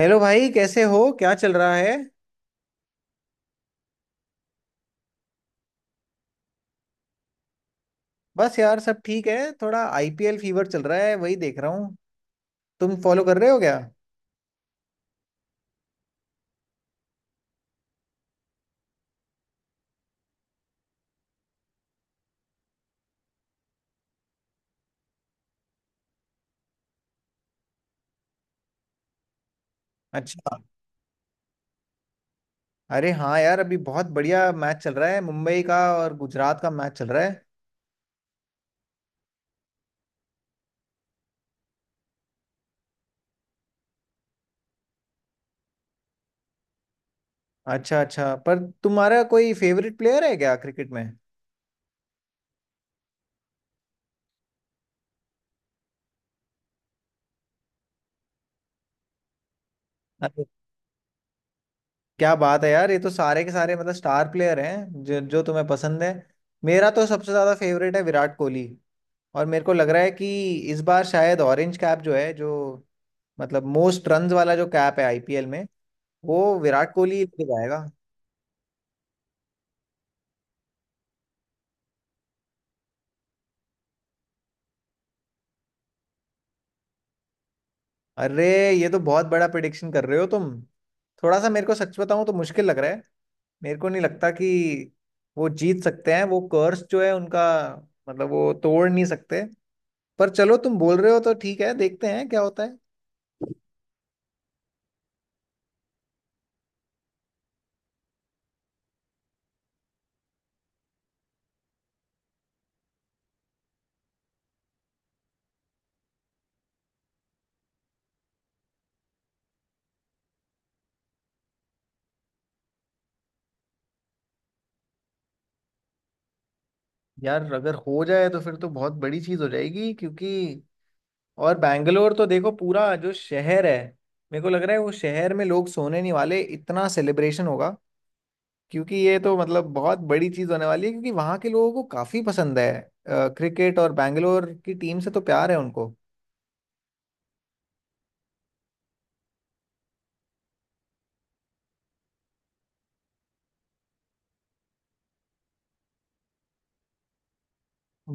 Hello भाई, कैसे हो? क्या चल रहा है? बस यार, सब ठीक है। थोड़ा आईपीएल फीवर चल रहा है, वही देख रहा हूँ। तुम फॉलो कर रहे हो क्या? अच्छा। अरे हाँ यार, अभी बहुत बढ़िया मैच चल रहा है। मुंबई का और गुजरात का मैच चल रहा है। अच्छा अच्छा, पर तुम्हारा कोई फेवरेट प्लेयर है क्या क्रिकेट में? अरे, क्या बात है यार! ये तो सारे के सारे मतलब स्टार प्लेयर हैं जो जो तुम्हें पसंद है। मेरा तो सबसे ज्यादा फेवरेट है विराट कोहली। और मेरे को लग रहा है कि इस बार शायद ऑरेंज कैप जो है, जो मतलब मोस्ट रन्स वाला जो कैप है आईपीएल में, वो विराट कोहली लगाएगा। अरे, ये तो बहुत बड़ा प्रिडिक्शन कर रहे हो तुम। थोड़ा सा मेरे को सच बताऊं तो मुश्किल लग रहा है। मेरे को नहीं लगता कि वो जीत सकते हैं। वो कर्स जो है उनका, मतलब वो तोड़ नहीं सकते। पर चलो, तुम बोल रहे हो तो ठीक है, देखते हैं क्या होता है। यार अगर हो जाए तो फिर तो बहुत बड़ी चीज हो जाएगी, क्योंकि और बैंगलोर तो देखो पूरा जो शहर है, मेरे को लग रहा है वो शहर में लोग सोने नहीं वाले, इतना सेलिब्रेशन होगा। क्योंकि ये तो मतलब बहुत बड़ी चीज होने वाली है, क्योंकि वहां के लोगों को काफी पसंद है क्रिकेट, और बैंगलोर की टीम से तो प्यार है उनको।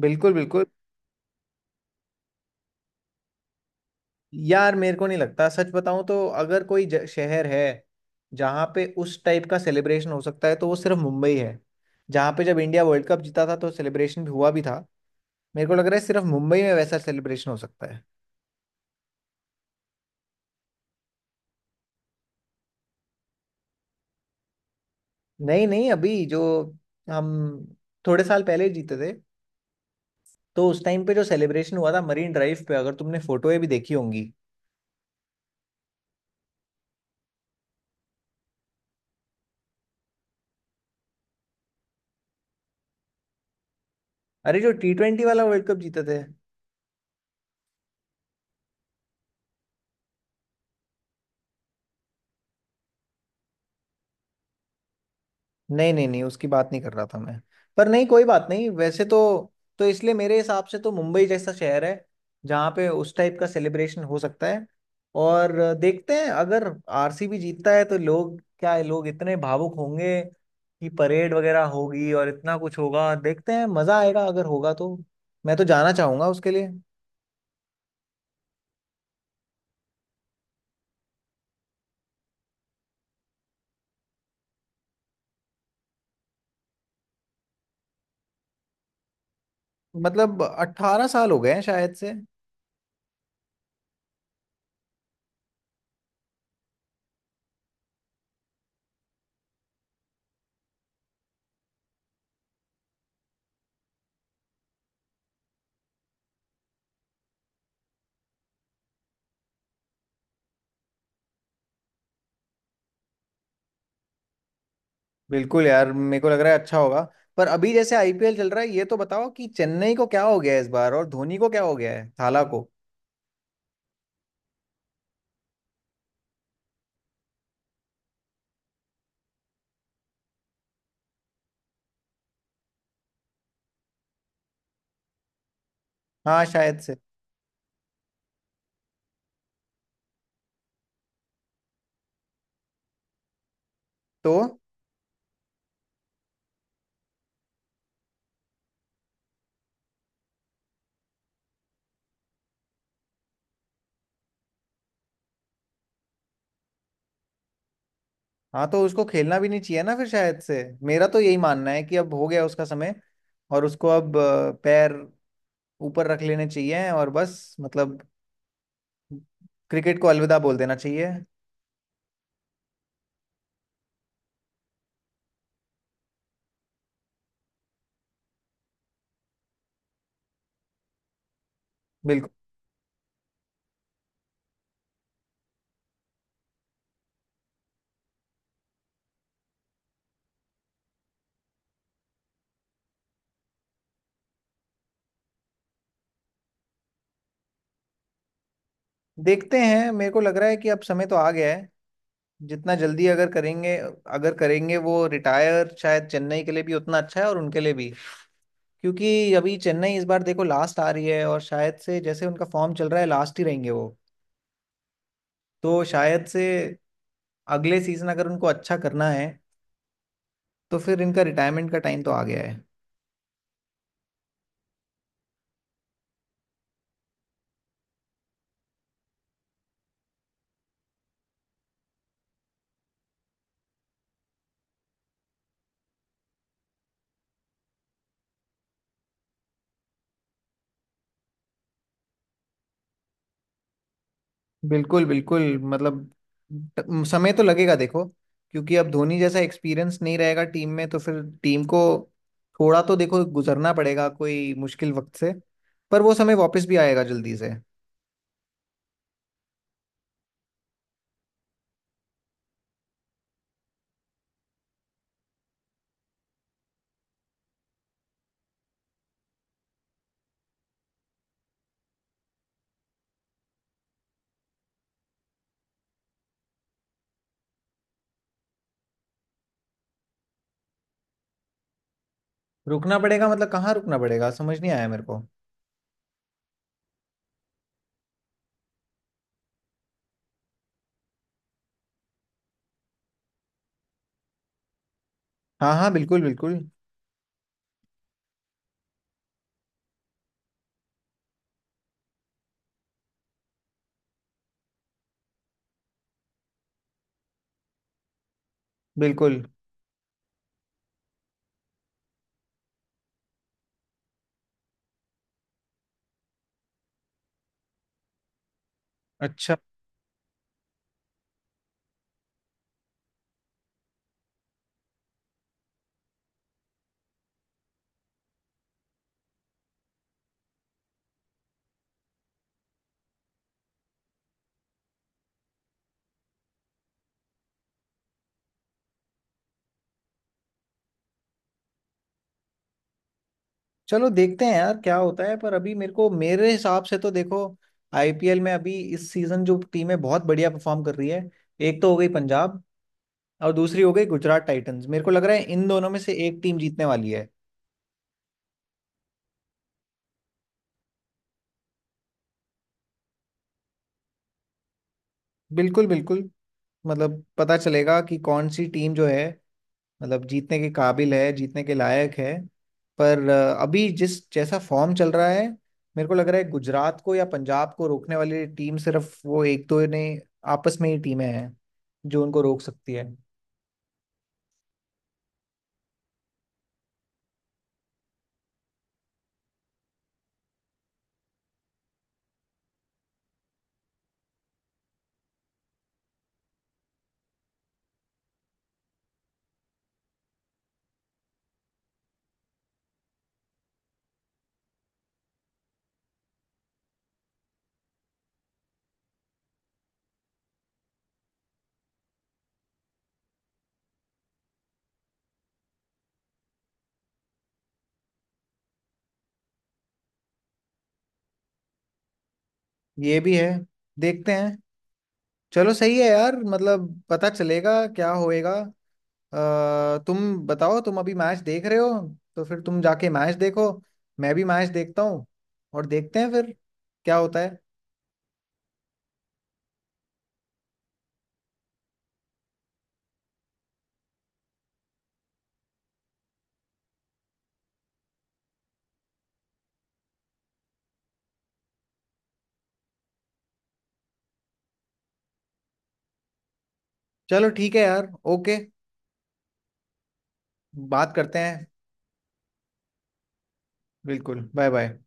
बिल्कुल बिल्कुल। यार मेरे को नहीं लगता, सच बताऊं तो अगर कोई शहर है जहाँ पे उस टाइप का सेलिब्रेशन हो सकता है तो वो सिर्फ मुंबई है। जहाँ पे जब इंडिया वर्ल्ड कप जीता था तो सेलिब्रेशन भी हुआ भी था। मेरे को लग रहा है सिर्फ मुंबई में वैसा सेलिब्रेशन हो सकता है। नहीं नहीं, अभी जो हम थोड़े साल पहले जीते थे, तो उस टाइम पे जो सेलिब्रेशन हुआ था मरीन ड्राइव पे, अगर तुमने फोटोएं भी देखी होंगी। अरे, जो टी20 वाला वर्ल्ड कप जीते थे। नहीं नहीं नहीं, उसकी बात नहीं कर रहा था मैं। पर नहीं, कोई बात नहीं वैसे तो। तो इसलिए मेरे हिसाब से तो मुंबई जैसा शहर है जहाँ पे उस टाइप का सेलिब्रेशन हो सकता है। और देखते हैं, अगर आरसीबी जीतता है तो लोग क्या है, लोग इतने भावुक होंगे कि परेड वगैरह होगी और इतना कुछ होगा। देखते हैं, मजा आएगा अगर होगा तो। मैं तो जाना चाहूंगा उसके लिए। मतलब 18 साल हो गए हैं शायद से। बिल्कुल यार, मेरे को लग रहा है अच्छा होगा। पर अभी जैसे आईपीएल चल रहा है, ये तो बताओ कि चेन्नई को क्या हो गया है इस बार, और धोनी को क्या हो गया है थाला को? हाँ शायद से। तो हाँ, तो उसको खेलना भी नहीं चाहिए ना फिर, शायद से मेरा तो यही मानना है कि अब हो गया उसका समय। और उसको अब पैर ऊपर रख लेने चाहिए, और बस मतलब क्रिकेट को अलविदा बोल देना चाहिए। बिल्कुल। देखते हैं, मेरे को लग रहा है कि अब समय तो आ गया है। जितना जल्दी अगर करेंगे वो रिटायर, शायद चेन्नई के लिए भी उतना अच्छा है और उनके लिए भी। क्योंकि अभी चेन्नई इस बार देखो लास्ट आ रही है, और शायद से जैसे उनका फॉर्म चल रहा है, लास्ट ही रहेंगे वो। तो शायद से अगले सीजन अगर उनको अच्छा करना है तो फिर इनका रिटायरमेंट का टाइम तो आ गया है। बिल्कुल बिल्कुल, मतलब समय तो लगेगा देखो। क्योंकि अब धोनी जैसा एक्सपीरियंस नहीं रहेगा टीम में, तो फिर टीम को थोड़ा तो देखो गुजरना पड़ेगा कोई मुश्किल वक्त से। पर वो समय वापस भी आएगा जल्दी से। रुकना पड़ेगा मतलब कहाँ रुकना पड़ेगा, समझ नहीं आया मेरे को। हाँ हाँ, बिल्कुल बिल्कुल। बिल्कुल। अच्छा। चलो, देखते हैं यार क्या होता है। पर अभी मेरे को, मेरे हिसाब से तो देखो, आईपीएल में अभी इस सीजन जो टीमें बहुत बढ़िया परफॉर्म कर रही है, एक तो हो गई पंजाब और दूसरी हो गई गुजरात टाइटंस। मेरे को लग रहा है इन दोनों में से एक टीम जीतने वाली है। बिल्कुल बिल्कुल। मतलब पता चलेगा कि कौन सी टीम जो है, मतलब जीतने के काबिल है, जीतने के लायक है। पर अभी जिस जैसा फॉर्म चल रहा है, मेरे को लग रहा है गुजरात को या पंजाब को रोकने वाली टीम सिर्फ वो एक दो ने आपस में ही टीमें हैं जो उनको रोक सकती है। ये भी है। देखते हैं। चलो सही है यार, मतलब पता चलेगा क्या होएगा। तुम बताओ, तुम अभी मैच देख रहे हो तो फिर तुम जाके मैच देखो, मैं भी मैच देखता हूँ और देखते हैं फिर क्या होता है। चलो ठीक है यार, ओके, बात करते हैं। बिल्कुल, बाय बाय।